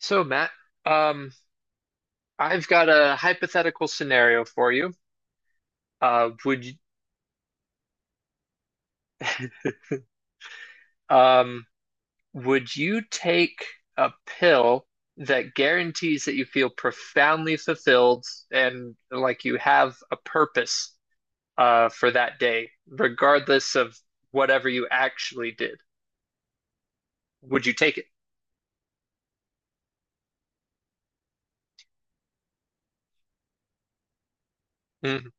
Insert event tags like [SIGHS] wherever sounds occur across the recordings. So, Matt, um, I've got a hypothetical scenario for you. Uh, would you, um, would you take a pill that guarantees that you feel profoundly fulfilled and like you have a purpose for that day, regardless of whatever you actually did? Would you take it? Mm,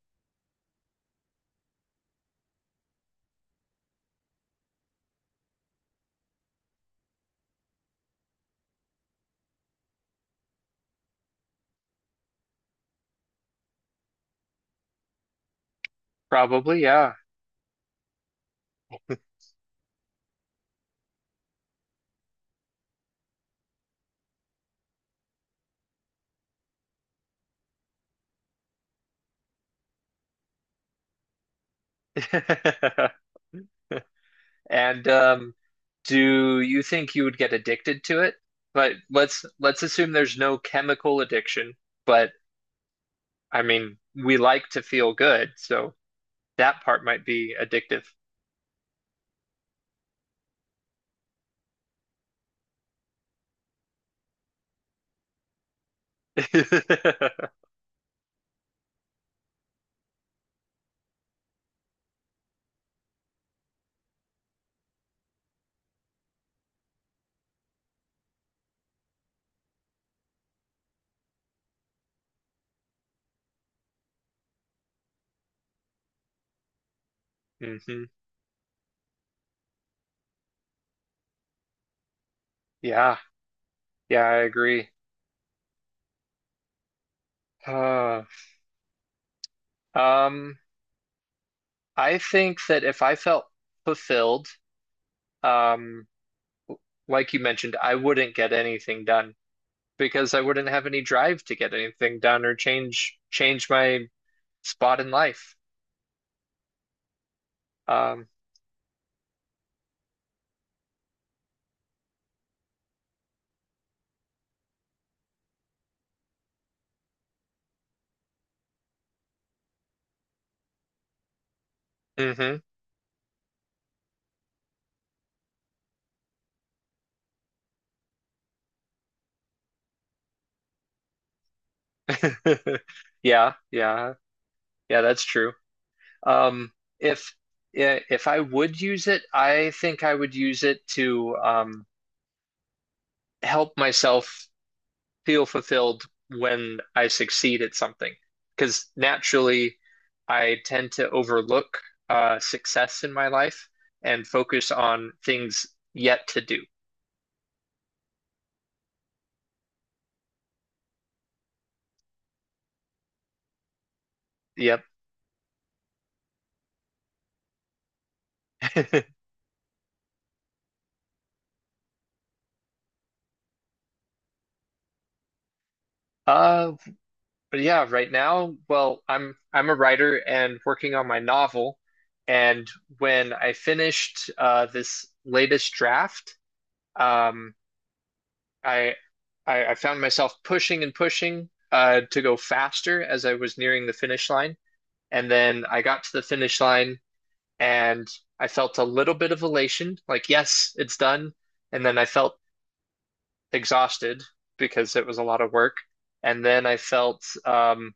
Probably, yeah. [LAUGHS] And do you think you would get addicted to it? But let's assume there's no chemical addiction, but I mean, we like to feel good, so that part might be addictive. [LAUGHS] Hmm. Yeah, yeah, I agree. [SIGHS] Uh, um, I think that if I felt fulfilled, um, like you mentioned, I wouldn't get anything done because I wouldn't have any drive to get anything done or change my spot in life. Um, hmm. [LAUGHS] Yeah, yeah, yeah, that's true. Um, if if I would use it, I think I would use it to help myself feel fulfilled when I succeed at something. Because naturally, I tend to overlook success in my life and focus on things yet to do. Yep. [LAUGHS] Uh, But yeah, right now, well, I'm a writer and working on my novel. And when I finished this latest draft, um, I, I found myself pushing and pushing to go faster as I was nearing the finish line. And then I got to the finish line and I felt a little bit of elation, like, yes, it's done. And then I felt exhausted because it was a lot of work. And then I felt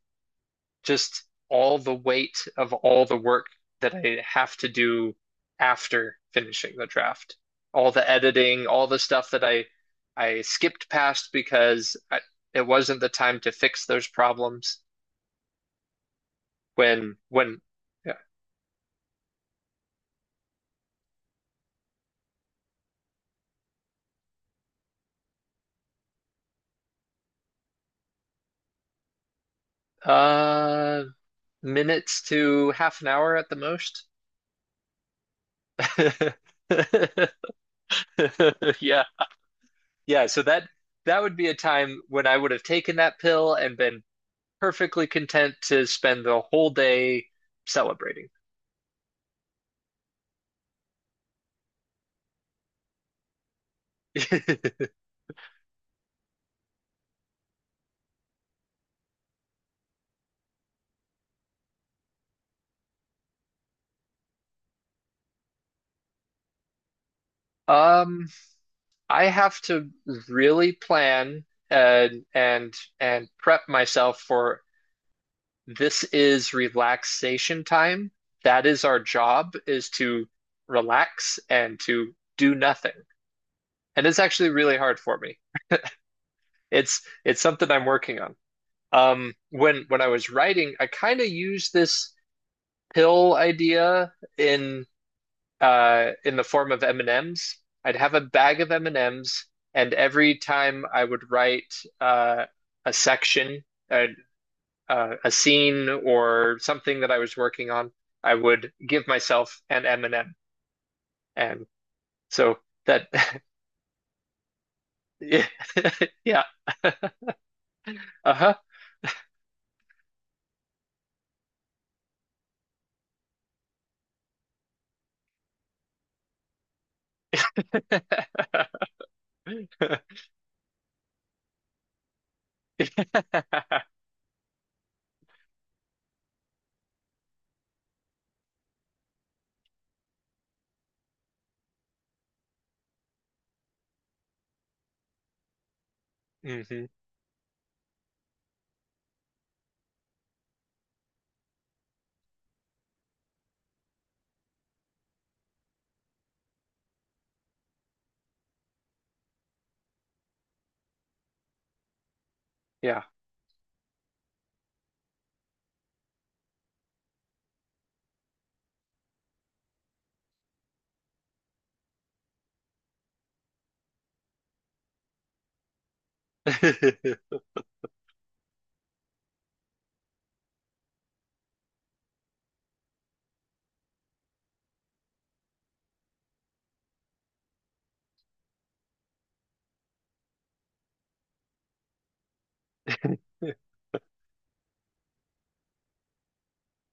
just all the weight of all the work that I have to do after finishing the draft. All the editing, all the stuff that I skipped past because it wasn't the time to fix those problems when yeah. uh Minutes to half an hour at the most. [LAUGHS] Yeah. Yeah, so that would be a time when I would have taken that pill and been perfectly content to spend the whole day celebrating. [LAUGHS] Um, I have to really plan and prep myself for this is relaxation time. That is our job is to relax and to do nothing. And it's actually really hard for me. It's something I'm working on. When I was writing, I kind of used this pill idea in the form of M&Ms. I'd have a bag of M&Ms, and M's, and every time I would write uh, a section, a, a scene, or something that I was working on, I would give myself an M&M. And M. And so that, [LAUGHS] yeah, [LAUGHS] yeah. [LAUGHS] Uh-huh. [LAUGHS] Hmm. Yeah. [LAUGHS]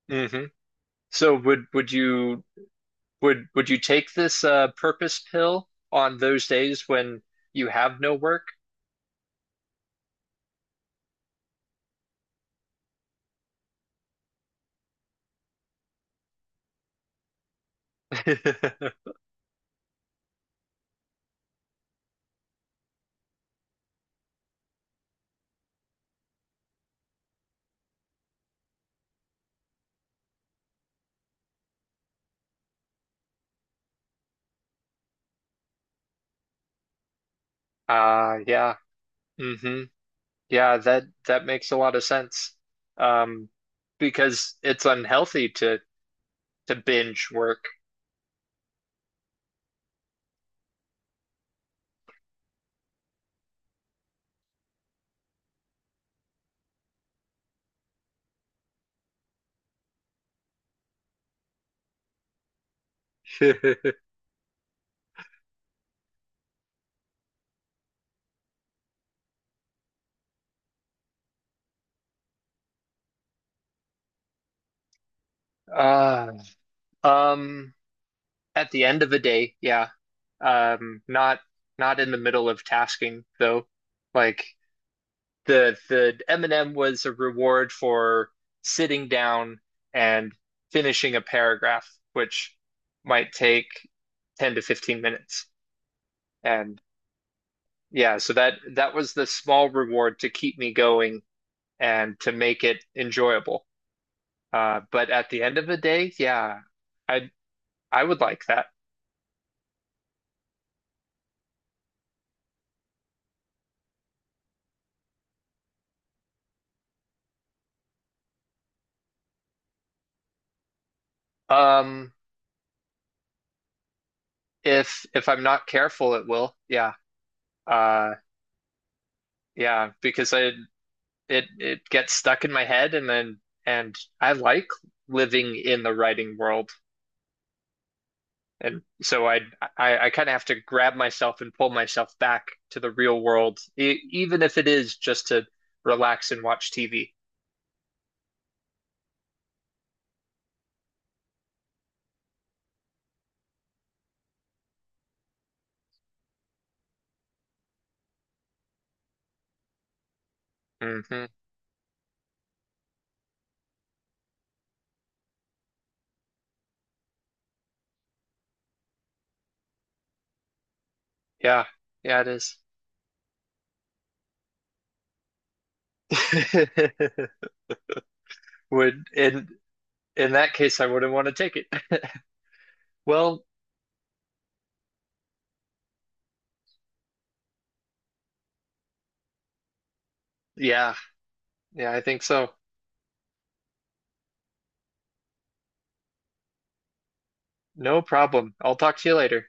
Hmm. So would would you would you take this purpose pill on those days when you have no work? [LAUGHS] Yeah. Hmm. Yeah, that makes a lot of sense. Um, because it's unhealthy to binge work. [LAUGHS] Uh, um, at the end of a day, yeah. Um, not not in the middle of tasking though. Like the M&M was a reward for sitting down and finishing a paragraph, which might take 10 to 15 minutes. And yeah, so that was the small reward to keep me going and to make it enjoyable. But at the end of the day, yeah, I I would like that. Um, if I'm not careful, it will. Yeah. Uh, yeah, because I it it gets stuck in my head and then and I like living in the writing world. And so I kind of have to grab myself and pull myself back to the real world, e even if it is just to relax and watch TV. Hmm. Yeah, yeah, it is. [LAUGHS] Would in that case, I wouldn't want to take it. Well, yeah, yeah, I think so. No problem. I'll talk to you later.